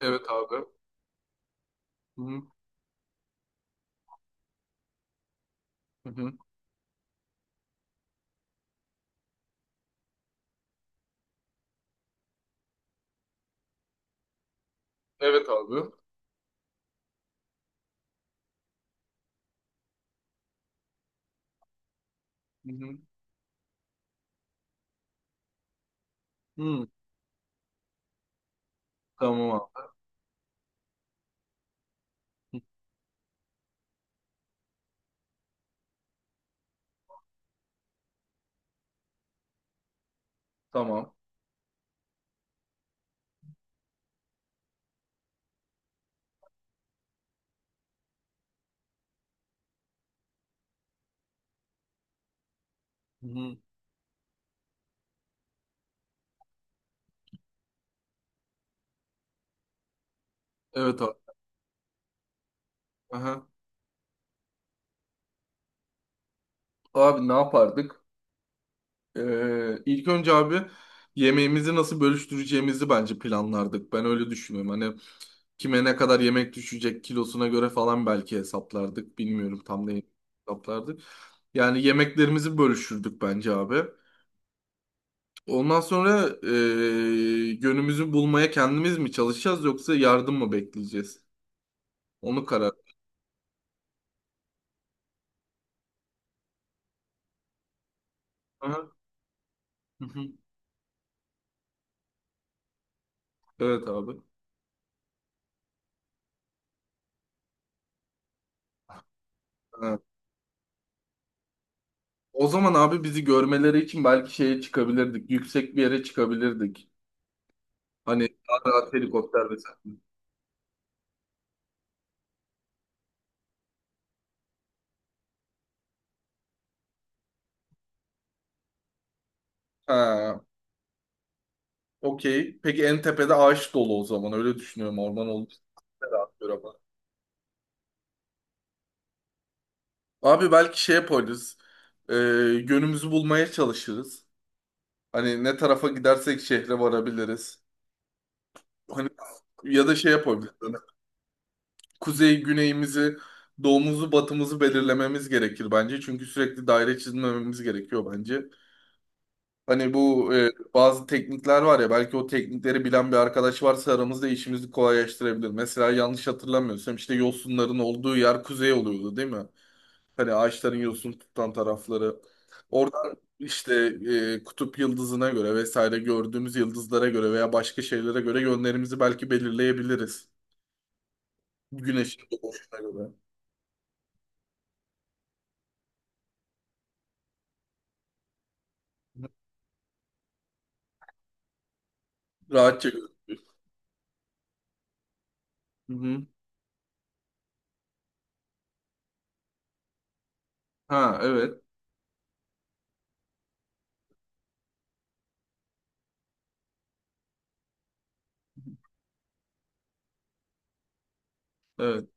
Evet abi. Hı hı. Hı hı. Evet abi. Hı hı. Hı. Tamam abi. Tamam. Hı hı. Evet abi. Aha. Abi ne yapardık? İlk önce abi yemeğimizi nasıl bölüştüreceğimizi bence planlardık. Ben öyle düşünüyorum. Hani kime ne kadar yemek düşecek kilosuna göre falan belki hesaplardık. Bilmiyorum tam ne hesaplardık. Yani yemeklerimizi bölüşürdük bence abi. Ondan sonra yönümüzü bulmaya kendimiz mi çalışacağız yoksa yardım mı bekleyeceğiz? Onu karar. Aha, hı hı. Evet abi. Ha. O zaman abi bizi görmeleri için belki şeye çıkabilirdik. Yüksek bir yere çıkabilirdik. Hani daha rahat helikopter vesaire. Ha, okey. Peki en tepede ağaç dolu o zaman. Öyle düşünüyorum. Orman olduğu için de rahat bir ama. Abi belki şey yaparız. Ee, Yönümüzü bulmaya çalışırız. Hani ne tarafa gidersek şehre varabiliriz. Hani ya da şey yapabiliriz. Kuzey güneyimizi, doğumuzu, batımızı belirlememiz gerekir bence. Çünkü sürekli daire çizmememiz gerekiyor bence. Hani bu bazı teknikler var ya, belki o teknikleri bilen bir arkadaş varsa aramızda işimizi kolaylaştırabilir. Mesela yanlış hatırlamıyorsam işte yosunların olduğu yer kuzey oluyordu, değil mi? Hani ağaçların yosun tutan tarafları. Oradan işte kutup yıldızına göre vesaire, gördüğümüz yıldızlara göre veya başka şeylere göre yönlerimizi belki belirleyebiliriz. Güneşin doğuşuna göre. Rahatça. Hı hı. Ha evet. Evet.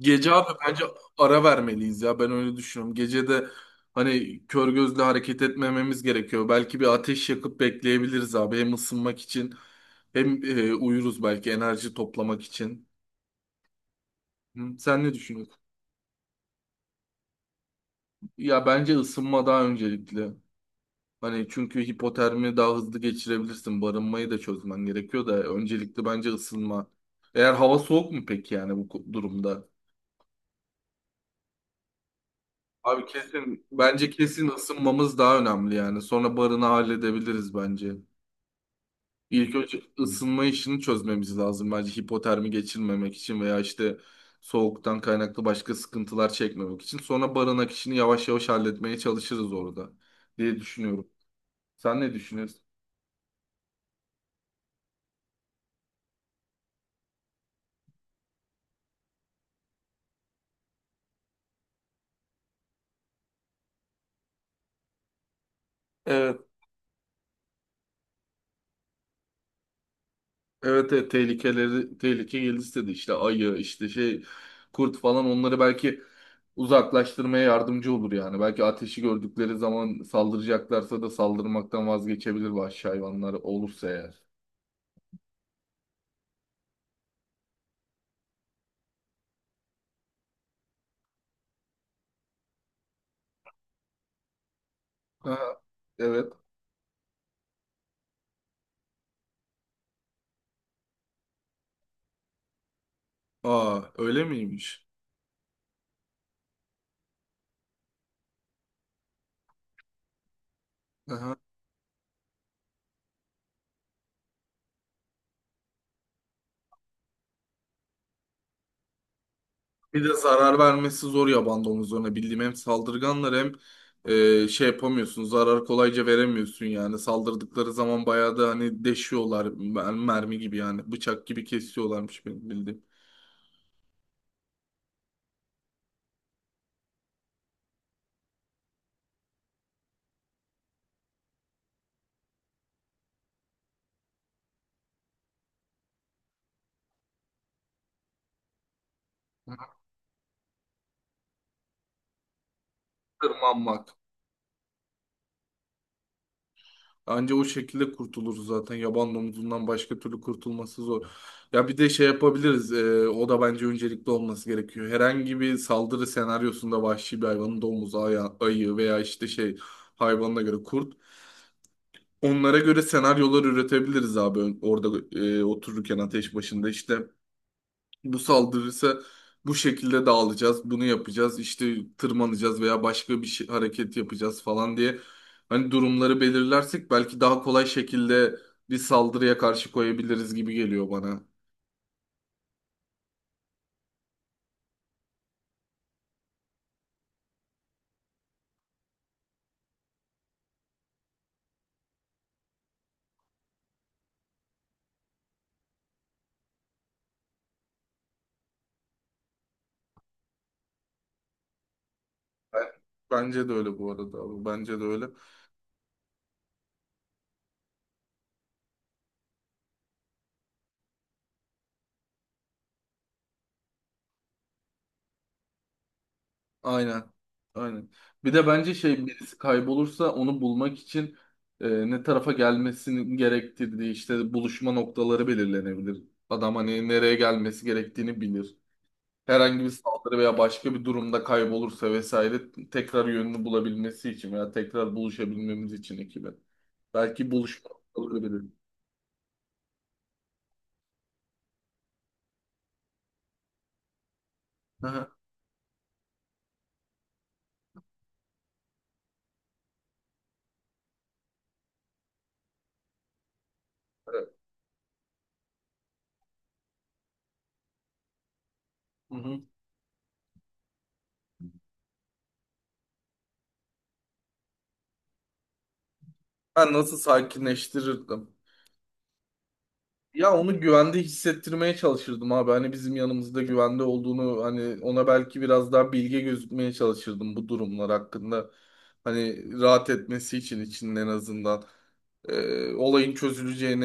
Gece abi bence ara vermeliyiz ya. Ben öyle düşünüyorum. Gece de hani kör gözle hareket etmememiz gerekiyor. Belki bir ateş yakıp bekleyebiliriz abi. Hem ısınmak için hem uyuruz belki enerji toplamak için. Hı. Sen ne düşünüyorsun? Ya bence ısınma daha öncelikli. Hani çünkü hipotermi daha hızlı geçirebilirsin. Barınmayı da çözmen gerekiyor da öncelikli bence ısınma. Eğer hava soğuk mu peki yani bu durumda? Abi kesin bence kesin ısınmamız daha önemli yani. Sonra barını halledebiliriz bence. İlk önce ısınma işini çözmemiz lazım bence, hipotermi geçirmemek için veya işte soğuktan kaynaklı başka sıkıntılar çekmemek için. Sonra barınak işini yavaş yavaş halletmeye çalışırız orada diye düşünüyorum. Sen ne düşünüyorsun? Evet. Evet, evet, tehlikeleri tehlike geldi istedi işte ayı işte şey kurt falan, onları belki uzaklaştırmaya yardımcı olur yani. Belki ateşi gördükleri zaman saldıracaklarsa da saldırmaktan vazgeçebilir vahşi hayvanlar olursa eğer. Aha, evet. Aa, öyle miymiş? Aha. Bir de zarar vermesi zor yaban domuzlarına. Bildiğim hem saldırganlar hem şey yapamıyorsun. Zarar kolayca veremiyorsun yani. Saldırdıkları zaman bayağı da hani deşiyorlar. Mermi gibi yani. Bıçak gibi kesiyorlarmış benim bildiğim. Tırmanmak. Anca o şekilde kurtulur zaten. Yaban domuzundan başka türlü kurtulması zor. Ya bir de şey yapabiliriz. O da bence öncelikli olması gerekiyor. Herhangi bir saldırı senaryosunda vahşi bir hayvanın, domuzu, ayı veya işte şey hayvanına göre kurt. Onlara göre senaryolar üretebiliriz abi. Orada otururken ateş başında işte, bu saldırırsa bu şekilde dağılacağız, bunu yapacağız, işte tırmanacağız veya başka bir şey, hareket yapacağız falan diye hani durumları belirlersek belki daha kolay şekilde bir saldırıya karşı koyabiliriz gibi geliyor bana. Ben- Bence de öyle bu arada abi, bence de öyle. Aynen. Aynen. Bir de bence şey, birisi kaybolursa onu bulmak için ne tarafa gelmesinin gerektirdiği işte buluşma noktaları belirlenebilir. Adam hani nereye gelmesi gerektiğini bilir. Herhangi bir saldırı veya başka bir durumda kaybolursa vesaire, tekrar yönünü bulabilmesi için veya tekrar buluşabilmemiz için ekibe. Belki buluşma noktaları belirlenir. Hı hı. Evet. Hı hı. Ben nasıl sakinleştirirdim? Ya onu güvende hissettirmeye çalışırdım abi. Hani bizim yanımızda güvende olduğunu, hani ona belki biraz daha bilge gözükmeye çalışırdım bu durumlar hakkında. Hani rahat etmesi için içinde en azından. Olayın çözüleceğini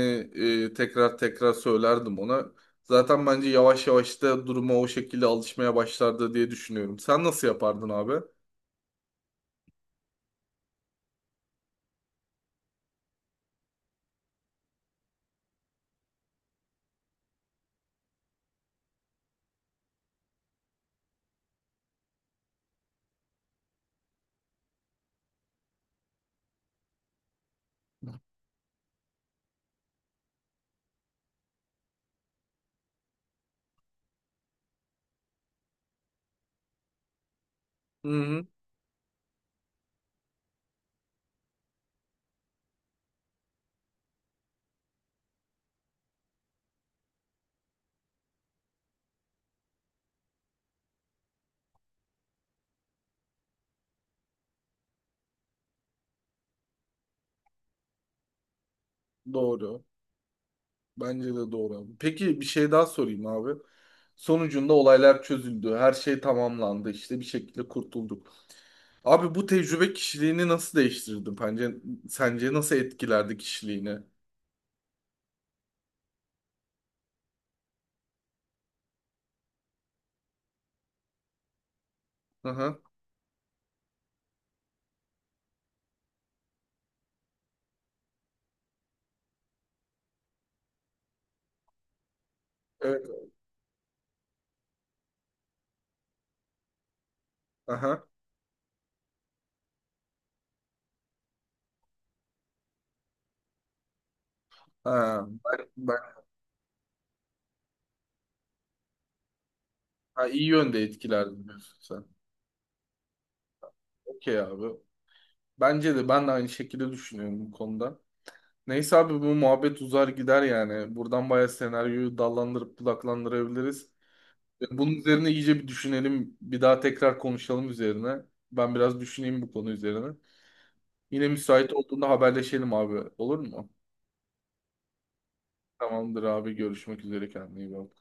tekrar tekrar söylerdim ona. Zaten bence yavaş yavaş da duruma o şekilde alışmaya başlardı diye düşünüyorum. Sen nasıl yapardın abi? Hı hı, doğru. Bence de doğru abi. Peki bir şey daha sorayım abi. Sonucunda olaylar çözüldü. Her şey tamamlandı. İşte bir şekilde kurtulduk. Abi bu tecrübe kişiliğini nasıl değiştirdi? Bence, sence nasıl etkilerdi kişiliğini? Aha. Evet. Aha. Ha, ha, iyi yönde etkilerdi diyorsun sen. Okey abi. Bence de, ben de aynı şekilde düşünüyorum bu konuda. Neyse abi, bu muhabbet uzar gider yani. Buradan bayağı senaryoyu dallandırıp budaklandırabiliriz. Bunun üzerine iyice bir düşünelim. Bir daha tekrar konuşalım üzerine. Ben biraz düşüneyim bu konu üzerine. Yine müsait olduğunda haberleşelim abi. Olur mu? Tamamdır abi. Görüşmek üzere. Kendine iyi bak.